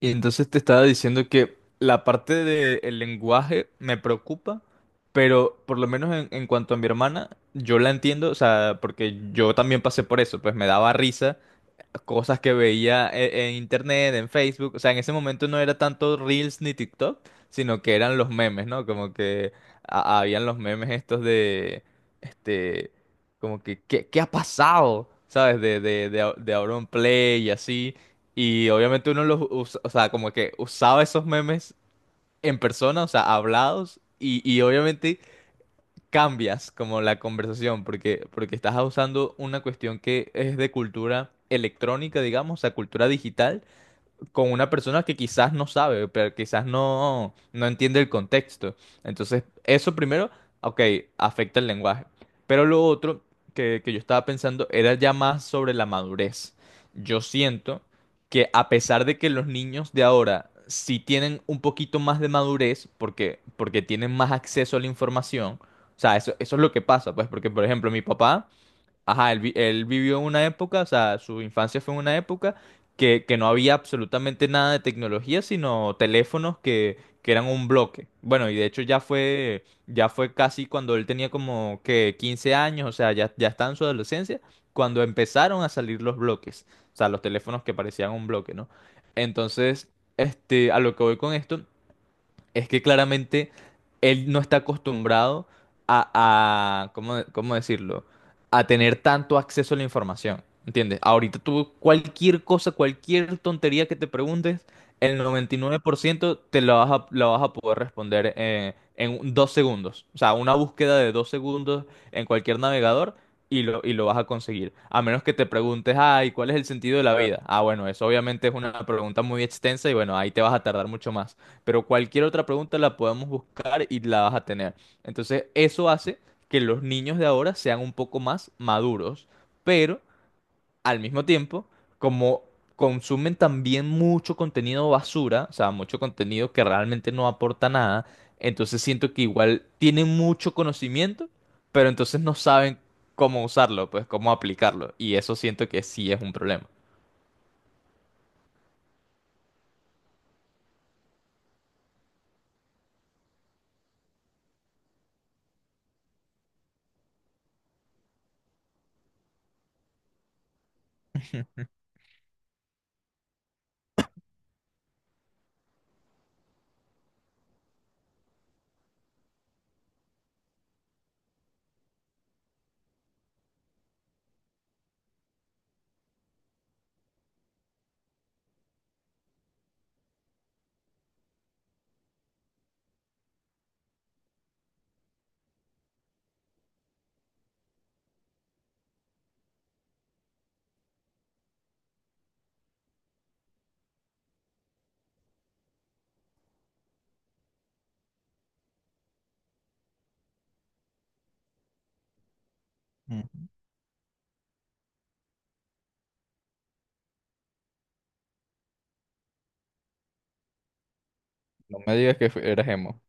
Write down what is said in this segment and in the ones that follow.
Y entonces te estaba diciendo que la parte del lenguaje me preocupa, pero por lo menos en cuanto a mi hermana, yo la entiendo, o sea, porque yo también pasé por eso, pues me daba risa cosas que veía en internet, en Facebook. O sea, en ese momento no era tanto Reels ni TikTok, sino que eran los memes, ¿no? Como que habían los memes estos de, este, como que, ¿Qué ha pasado? ¿Sabes? De Auron Play y así. Y obviamente uno los usa, o sea, como que usaba esos memes en persona, o sea, hablados. Y obviamente cambias como la conversación porque estás usando una cuestión que es de cultura electrónica, digamos, a cultura digital con una persona que quizás no sabe, pero quizás no, no entiende el contexto. Entonces, eso primero, ok, afecta el lenguaje. Pero lo otro que yo estaba pensando era ya más sobre la madurez. Yo siento que a pesar de que los niños de ahora sí tienen un poquito más de madurez, porque tienen más acceso a la información, o sea, eso es lo que pasa, pues, porque, por ejemplo, mi papá. Ajá, él vivió en una época, o sea, su infancia fue en una época que no había absolutamente nada de tecnología, sino teléfonos que eran un bloque. Bueno, y de hecho ya fue casi cuando él tenía como que 15 años, o sea, ya estaba en su adolescencia, cuando empezaron a salir los bloques, o sea, los teléfonos que parecían un bloque, ¿no? Entonces, a lo que voy con esto es que claramente él no está acostumbrado a, cómo decirlo? A tener tanto acceso a la información, ¿entiendes? Ahorita tú cualquier cosa, cualquier tontería que te preguntes, el 99% te la vas a poder responder, en 2 segundos. O sea, una búsqueda de 2 segundos en cualquier navegador y lo vas a conseguir. A menos que te preguntes, ay, ¿cuál es el sentido de la vida? Ah, bueno, eso obviamente es una pregunta muy extensa y bueno, ahí te vas a tardar mucho más, pero cualquier otra pregunta la podemos buscar y la vas a tener. Entonces, eso hace que los niños de ahora sean un poco más maduros, pero al mismo tiempo, como consumen también mucho contenido basura, o sea, mucho contenido que realmente no aporta nada, entonces siento que igual tienen mucho conocimiento, pero entonces no saben cómo usarlo, pues cómo aplicarlo, y eso siento que sí es un problema. No me digas que eras emo.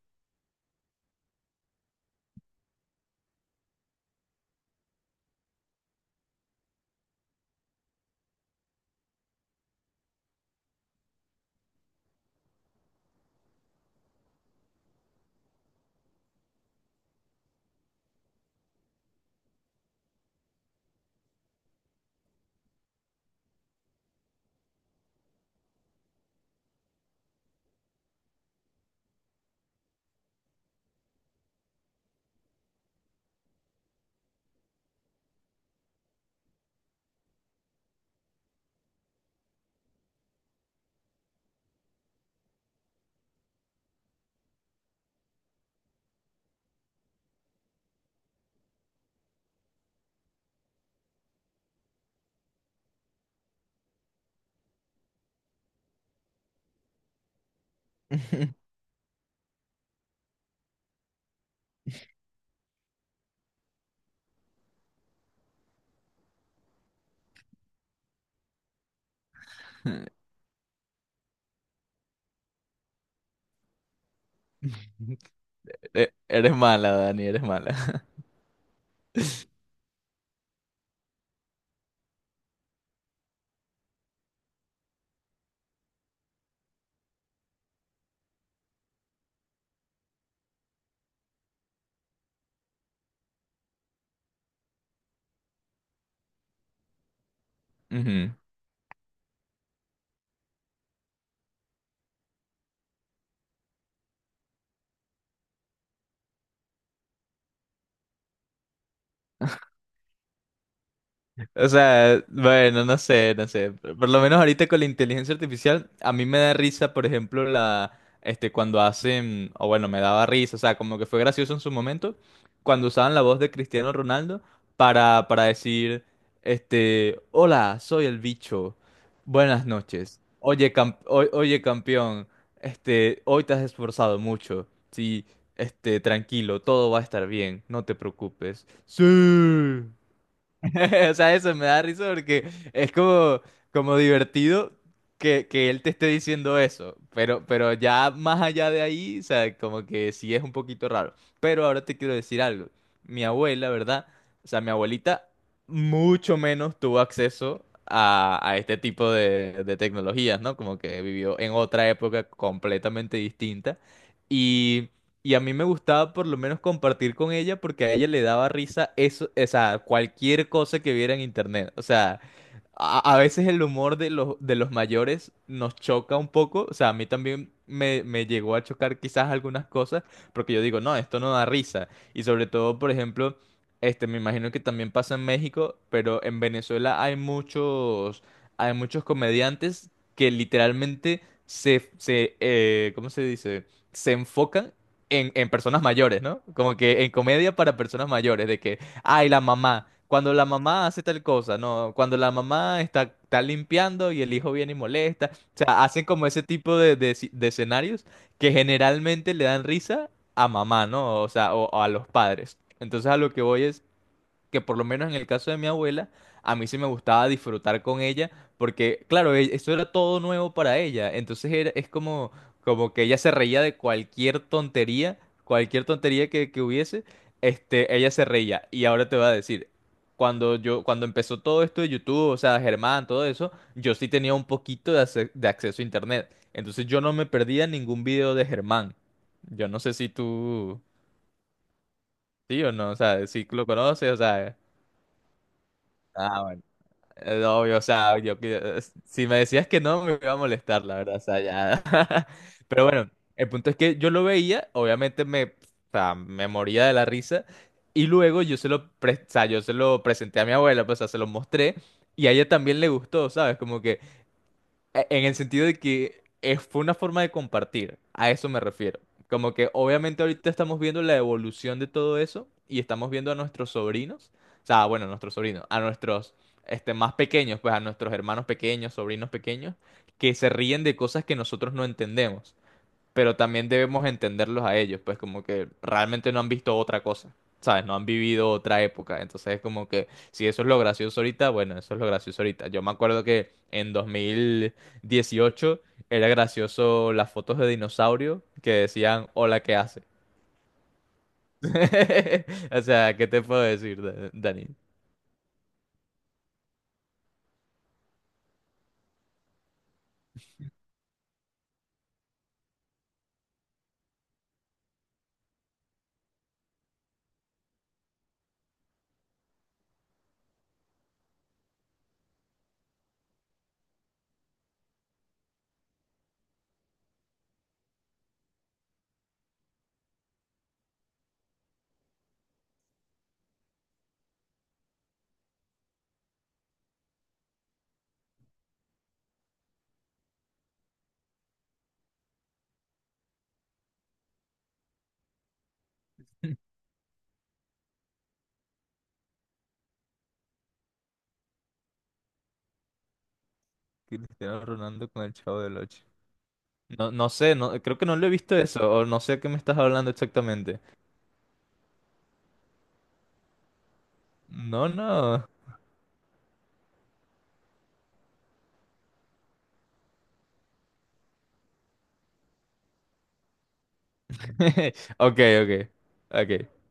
Eres mala, Dani, eres mala. Ujú. O sea, bueno, no sé, no sé. Por lo menos ahorita con la inteligencia artificial, a mí me da risa, por ejemplo, cuando hacen, o bueno, me daba risa, o sea, como que fue gracioso en su momento, cuando usaban la voz de Cristiano Ronaldo para decir, hola, soy el bicho, buenas noches, oye, campeón, hoy te has esforzado mucho, sí, tranquilo, todo va a estar bien, no te preocupes. Sí. O sea, eso me da risa porque es como divertido que él te esté diciendo eso, pero ya más allá de ahí, o sea, como que sí es un poquito raro. Pero ahora te quiero decir algo. Mi abuela, ¿verdad? O sea, mi abuelita mucho menos tuvo acceso a este tipo de tecnologías, ¿no? Como que vivió en otra época completamente distinta. Y a mí me gustaba por lo menos compartir con ella porque a ella le daba risa eso, o sea, cualquier cosa que viera en internet. O sea, a veces el humor de los mayores nos choca un poco. O sea, a mí también me llegó a chocar quizás algunas cosas porque yo digo, no, esto no da risa. Y sobre todo, por ejemplo, me imagino que también pasa en México, pero en Venezuela hay muchos comediantes que literalmente ¿cómo se dice? Se enfocan en personas mayores, ¿no? Como que en comedia para personas mayores, de que, ay, la mamá, cuando la mamá hace tal cosa, no, cuando la mamá está, está limpiando y el hijo viene y molesta, o sea, hacen como ese tipo de escenarios que generalmente le dan risa a mamá, ¿no? O sea, o a los padres. Entonces a lo que voy es que por lo menos en el caso de mi abuela, a mí sí me gustaba disfrutar con ella, porque claro, eso era todo nuevo para ella, entonces era, es como que ella se reía de cualquier tontería que hubiese, ella se reía, y ahora te voy a decir, cuando yo, cuando empezó todo esto de YouTube, o sea, Germán, todo eso, yo sí tenía un poquito de acceso a internet, entonces yo no me perdía ningún video de Germán, yo no sé si tú, sí o no, o sea, si lo conoces, o sea... Ah, no, obvio, o sea, yo, si me decías que no, me iba a molestar, la verdad, o sea, ya. Pero bueno, el punto es que yo lo veía, obviamente me, o sea, me moría de la risa, y luego yo se lo, pre- o sea, yo se lo presenté a mi abuela, pues, o sea, se lo mostré, y a ella también le gustó, ¿sabes? Como que, en el sentido de que fue una forma de compartir, a eso me refiero. Como que obviamente ahorita estamos viendo la evolución de todo eso y estamos viendo a nuestros sobrinos, o sea, bueno, a nuestros sobrinos, a nuestros más pequeños, pues a nuestros hermanos pequeños, sobrinos pequeños, que se ríen de cosas que nosotros no entendemos, pero también debemos entenderlos a ellos, pues como que realmente no han visto otra cosa, ¿sabes? No han vivido otra época, entonces es como que si eso es lo gracioso ahorita, bueno, eso es lo gracioso ahorita. Yo me acuerdo que en 2018 era gracioso las fotos de dinosaurio que decían, hola, ¿qué hace? O sea, ¿qué te puedo decir, Dani? Cristiano Ronaldo con el Chavo del Ocho. No, no sé, no, creo que no lo he visto eso, o no sé a qué me estás hablando exactamente. No, no. Ok, ok, ok.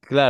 Claro.